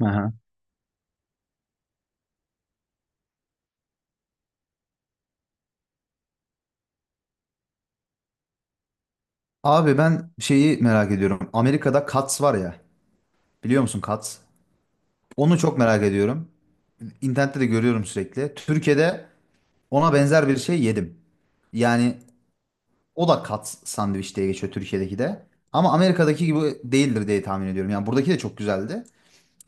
Aha. Abi ben şeyi merak ediyorum. Amerika'da Cats var ya. Biliyor musun Cats? Onu çok merak ediyorum. İnternette de görüyorum sürekli. Türkiye'de ona benzer bir şey yedim. Yani o da Cats sandviç diye geçiyor Türkiye'deki de. Ama Amerika'daki gibi değildir diye tahmin ediyorum. Yani buradaki de çok güzeldi.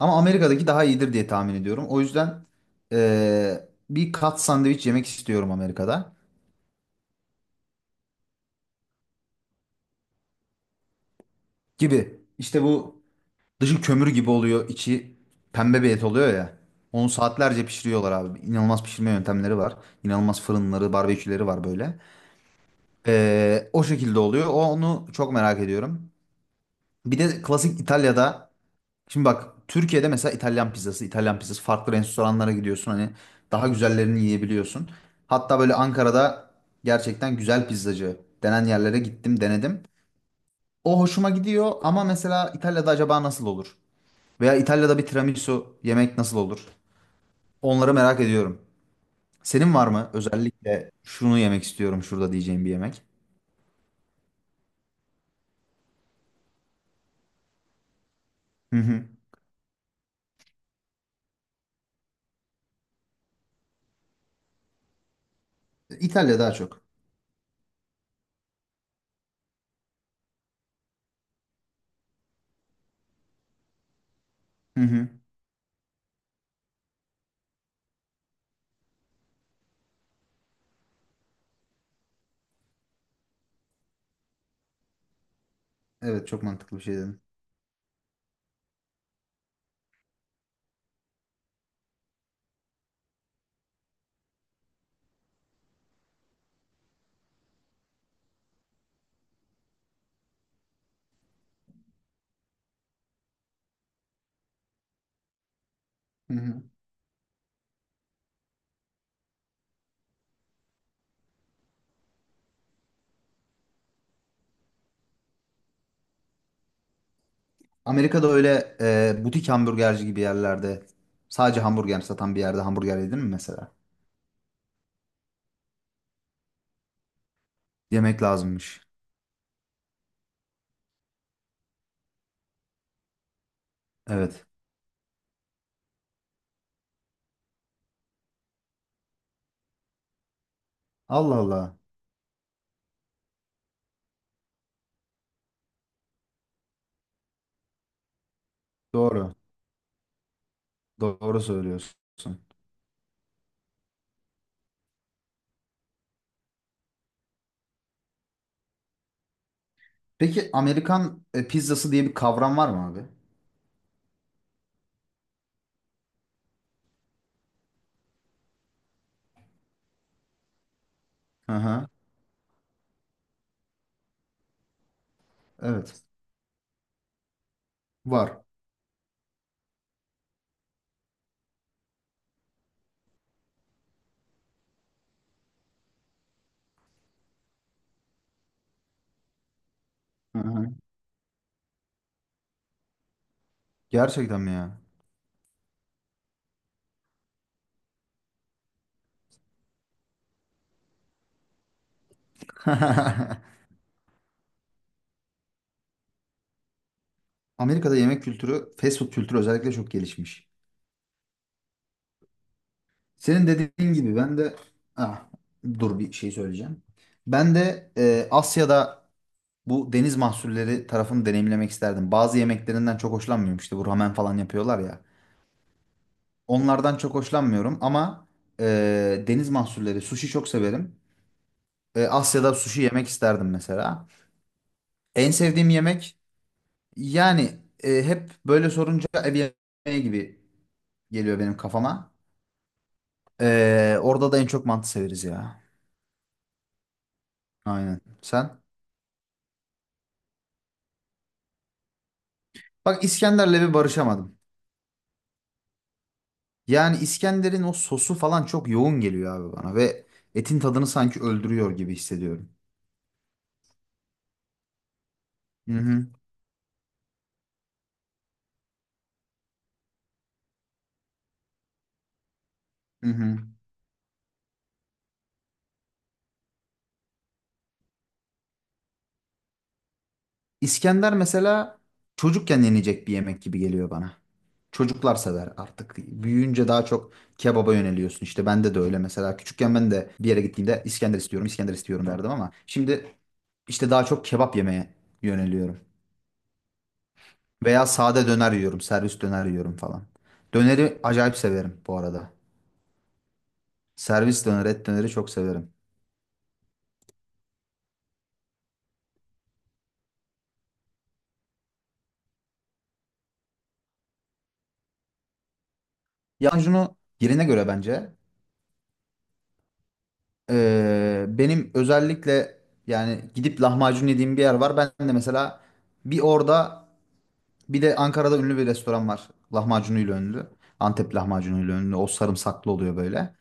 Ama Amerika'daki daha iyidir diye tahmin ediyorum. O yüzden bir Cats sandviç yemek istiyorum Amerika'da gibi. İşte bu dışı kömür gibi oluyor, içi pembe bir et oluyor ya. Onu saatlerce pişiriyorlar abi. İnanılmaz pişirme yöntemleri var. İnanılmaz fırınları, barbeküleri var böyle. O şekilde oluyor. Onu çok merak ediyorum. Bir de klasik İtalya'da. Şimdi bak Türkiye'de mesela İtalyan pizzası, İtalyan pizzası farklı restoranlara gidiyorsun. Hani daha güzellerini yiyebiliyorsun. Hatta böyle Ankara'da gerçekten güzel pizzacı denen yerlere gittim, denedim. O hoşuma gidiyor ama mesela İtalya'da acaba nasıl olur? Veya İtalya'da bir tiramisu yemek nasıl olur? Onları merak ediyorum. Senin var mı özellikle şunu yemek istiyorum şurada diyeceğim bir yemek? Hı hı. İtalya daha çok. Hı hı. Evet, çok mantıklı bir şey dedin. Hı hı. Amerika'da öyle butik hamburgerci gibi yerlerde sadece hamburger satan bir yerde hamburger yedin mi mesela? Yemek lazımmış. Evet. Allah Allah. Doğru. Doğru söylüyorsun. Peki Amerikan pizzası diye bir kavram var mı abi? Hı hı. Evet. Var. Hı hı. Gerçekten mi ya? Amerika'da yemek kültürü, fast food kültürü özellikle çok gelişmiş. Senin dediğin gibi ben de ah, dur bir şey söyleyeceğim. Ben de Asya'da bu deniz mahsulleri tarafını deneyimlemek isterdim. Bazı yemeklerinden çok hoşlanmıyorum. İşte bu ramen falan yapıyorlar ya. Onlardan çok hoşlanmıyorum ama deniz mahsulleri, sushi çok severim. Asya'da sushi yemek isterdim mesela. En sevdiğim yemek yani hep böyle sorunca ev yemeği gibi geliyor benim kafama. Orada da en çok mantı severiz ya. Aynen. Sen? Bak İskender'le bir barışamadım. Yani İskender'in o sosu falan çok yoğun geliyor abi bana ve etin tadını sanki öldürüyor gibi hissediyorum. Hı hı. Hı hı. İskender mesela çocukken yenecek bir yemek gibi geliyor bana. Çocuklar sever artık. Büyüyünce daha çok kebaba yöneliyorsun. İşte bende de öyle mesela. Küçükken ben de bir yere gittiğimde İskender istiyorum, İskender istiyorum derdim ama şimdi işte daha çok kebap yemeye yöneliyorum. Veya sade döner yiyorum. Servis döner yiyorum falan. Döneri acayip severim bu arada. Servis döner, et döneri çok severim. Lahmacunu yerine göre bence. Benim özellikle yani gidip lahmacun yediğim bir yer var. Ben de mesela bir orada bir de Ankara'da ünlü bir restoran var. Lahmacunuyla ünlü. Antep lahmacunuyla ünlü. O sarımsaklı oluyor böyle.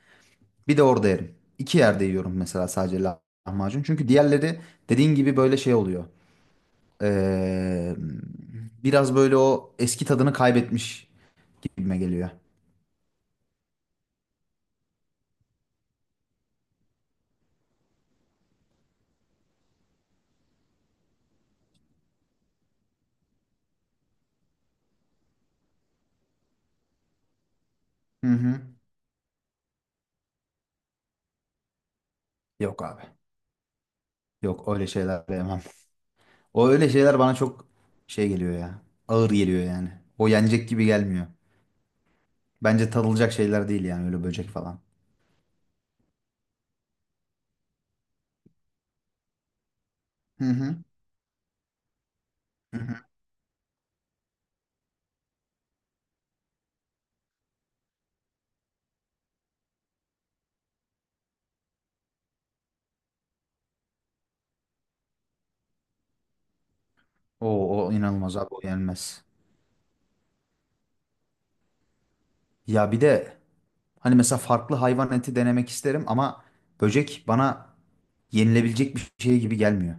Bir de orada yerim. İki yerde yiyorum mesela sadece lahmacun. Çünkü diğerleri dediğin gibi böyle şey oluyor. Ee, Biraz böyle o eski tadını kaybetmiş gibime geliyor. Hı hı. Yok abi. Yok, öyle şeyler yemem. O öyle şeyler bana çok şey geliyor ya. Ağır geliyor yani. O yenecek gibi gelmiyor. Bence tadılacak şeyler değil yani öyle böcek falan. Hı hı. Hı hı. O, o inanılmaz abi, o yenmez. Ya bir de hani mesela farklı hayvan eti denemek isterim ama böcek bana yenilebilecek bir şey gibi gelmiyor.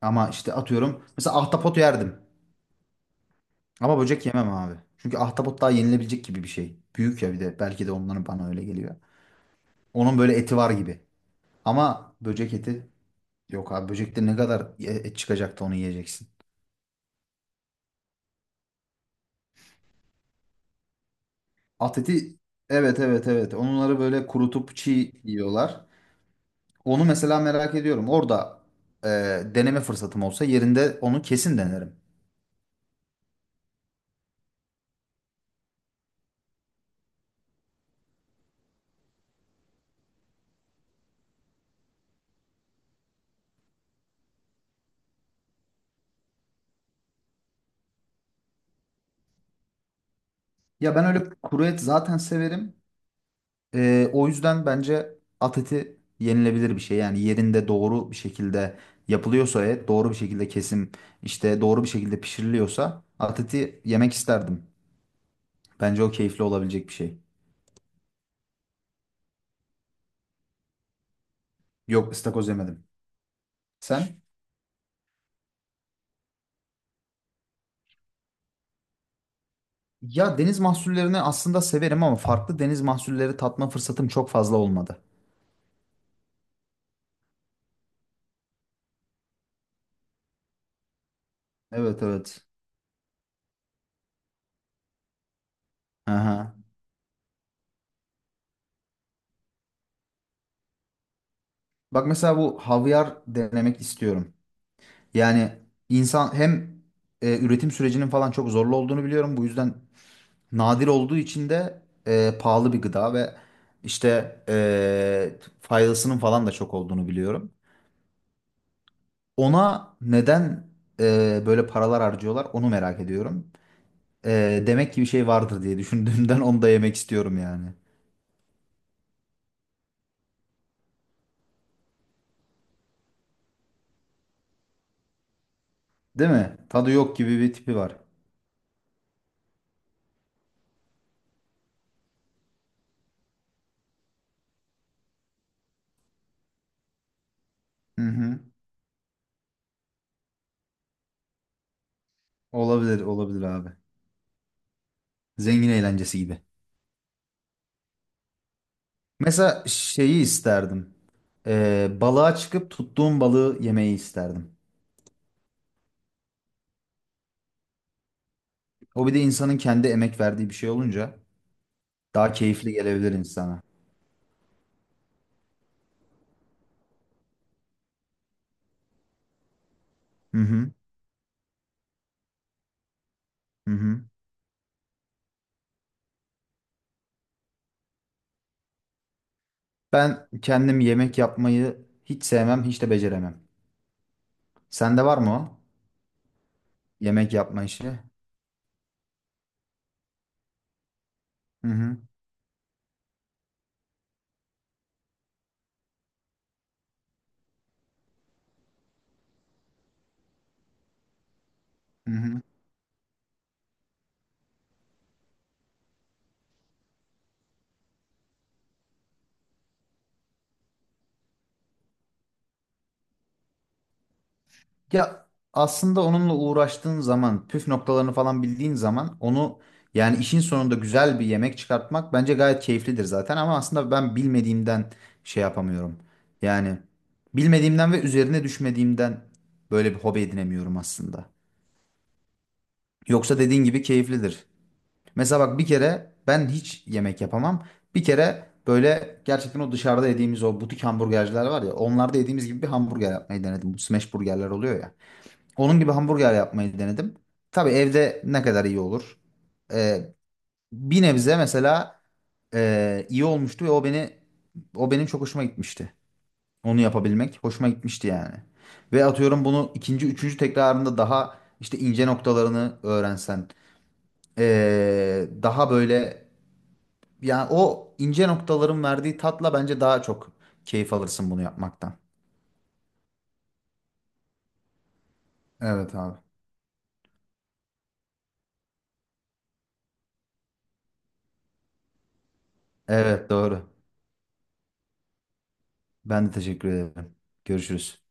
Ama işte atıyorum mesela ahtapot yerdim. Ama böcek yemem abi. Çünkü ahtapot daha yenilebilecek gibi bir şey. Büyük ya bir de. Belki de onların bana öyle geliyor. Onun böyle eti var gibi. Ama böcek eti yok abi. Böcekte ne kadar et çıkacak da onu yiyeceksin. At eti evet, evet, evet. Onları böyle kurutup çiğ yiyorlar. Onu mesela merak ediyorum. Orada e, deneme fırsatım olsa yerinde onu kesin denerim. Ya ben öyle kuru et zaten severim. O yüzden bence at eti yenilebilir bir şey. Yani yerinde doğru bir şekilde yapılıyorsa et, doğru bir şekilde kesim, işte doğru bir şekilde pişiriliyorsa at eti yemek isterdim. Bence o keyifli olabilecek bir şey. Yok, ıstakoz yemedim. Sen? Ya deniz mahsullerini aslında severim ama farklı deniz mahsulleri tatma fırsatım çok fazla olmadı. Evet, evet. Aha. Bak mesela bu havyar denemek istiyorum. Yani insan hem üretim sürecinin falan çok zorlu olduğunu biliyorum. Bu yüzden nadir olduğu için de pahalı bir gıda ve işte faydasının falan da çok olduğunu biliyorum. Ona neden böyle paralar harcıyorlar onu merak ediyorum. Demek ki bir şey vardır diye düşündüğümden onu da yemek istiyorum yani. Değil mi? Tadı yok gibi bir tipi var. Hı hı. Olabilir, olabilir abi. Zengin eğlencesi gibi. Mesela şeyi isterdim. Balığa çıkıp tuttuğum balığı yemeyi isterdim. O bir de insanın kendi emek verdiği bir şey olunca. Daha keyifli gelebilir insana. Hı hı. Hı hı. Ben kendim yemek yapmayı hiç sevmem, hiç de beceremem. Sende var mı o? Yemek yapma işi. Hı hı. Hı hı. Ya aslında onunla uğraştığın zaman, püf noktalarını falan bildiğin zaman onu yani işin sonunda güzel bir yemek çıkartmak bence gayet keyiflidir zaten ama aslında ben bilmediğimden şey yapamıyorum. Yani bilmediğimden ve üzerine düşmediğimden böyle bir hobi edinemiyorum aslında. Yoksa dediğin gibi keyiflidir. Mesela bak bir kere ben hiç yemek yapamam. Bir kere böyle gerçekten o dışarıda yediğimiz o butik hamburgerciler var ya. Onlarda yediğimiz gibi bir hamburger yapmayı denedim. Bu smash burgerler oluyor ya. Onun gibi hamburger yapmayı denedim. Tabii evde ne kadar iyi olur. Ee, Bir nebze mesela iyi olmuştu ve o benim çok hoşuma gitmişti. Onu yapabilmek hoşuma gitmişti yani. Ve atıyorum bunu ikinci, üçüncü tekrarında daha işte ince noktalarını öğrensen, daha böyle yani o ince noktaların verdiği tatla bence daha çok keyif alırsın bunu yapmaktan. Evet abi. Evet, doğru. Ben de teşekkür ederim. Görüşürüz.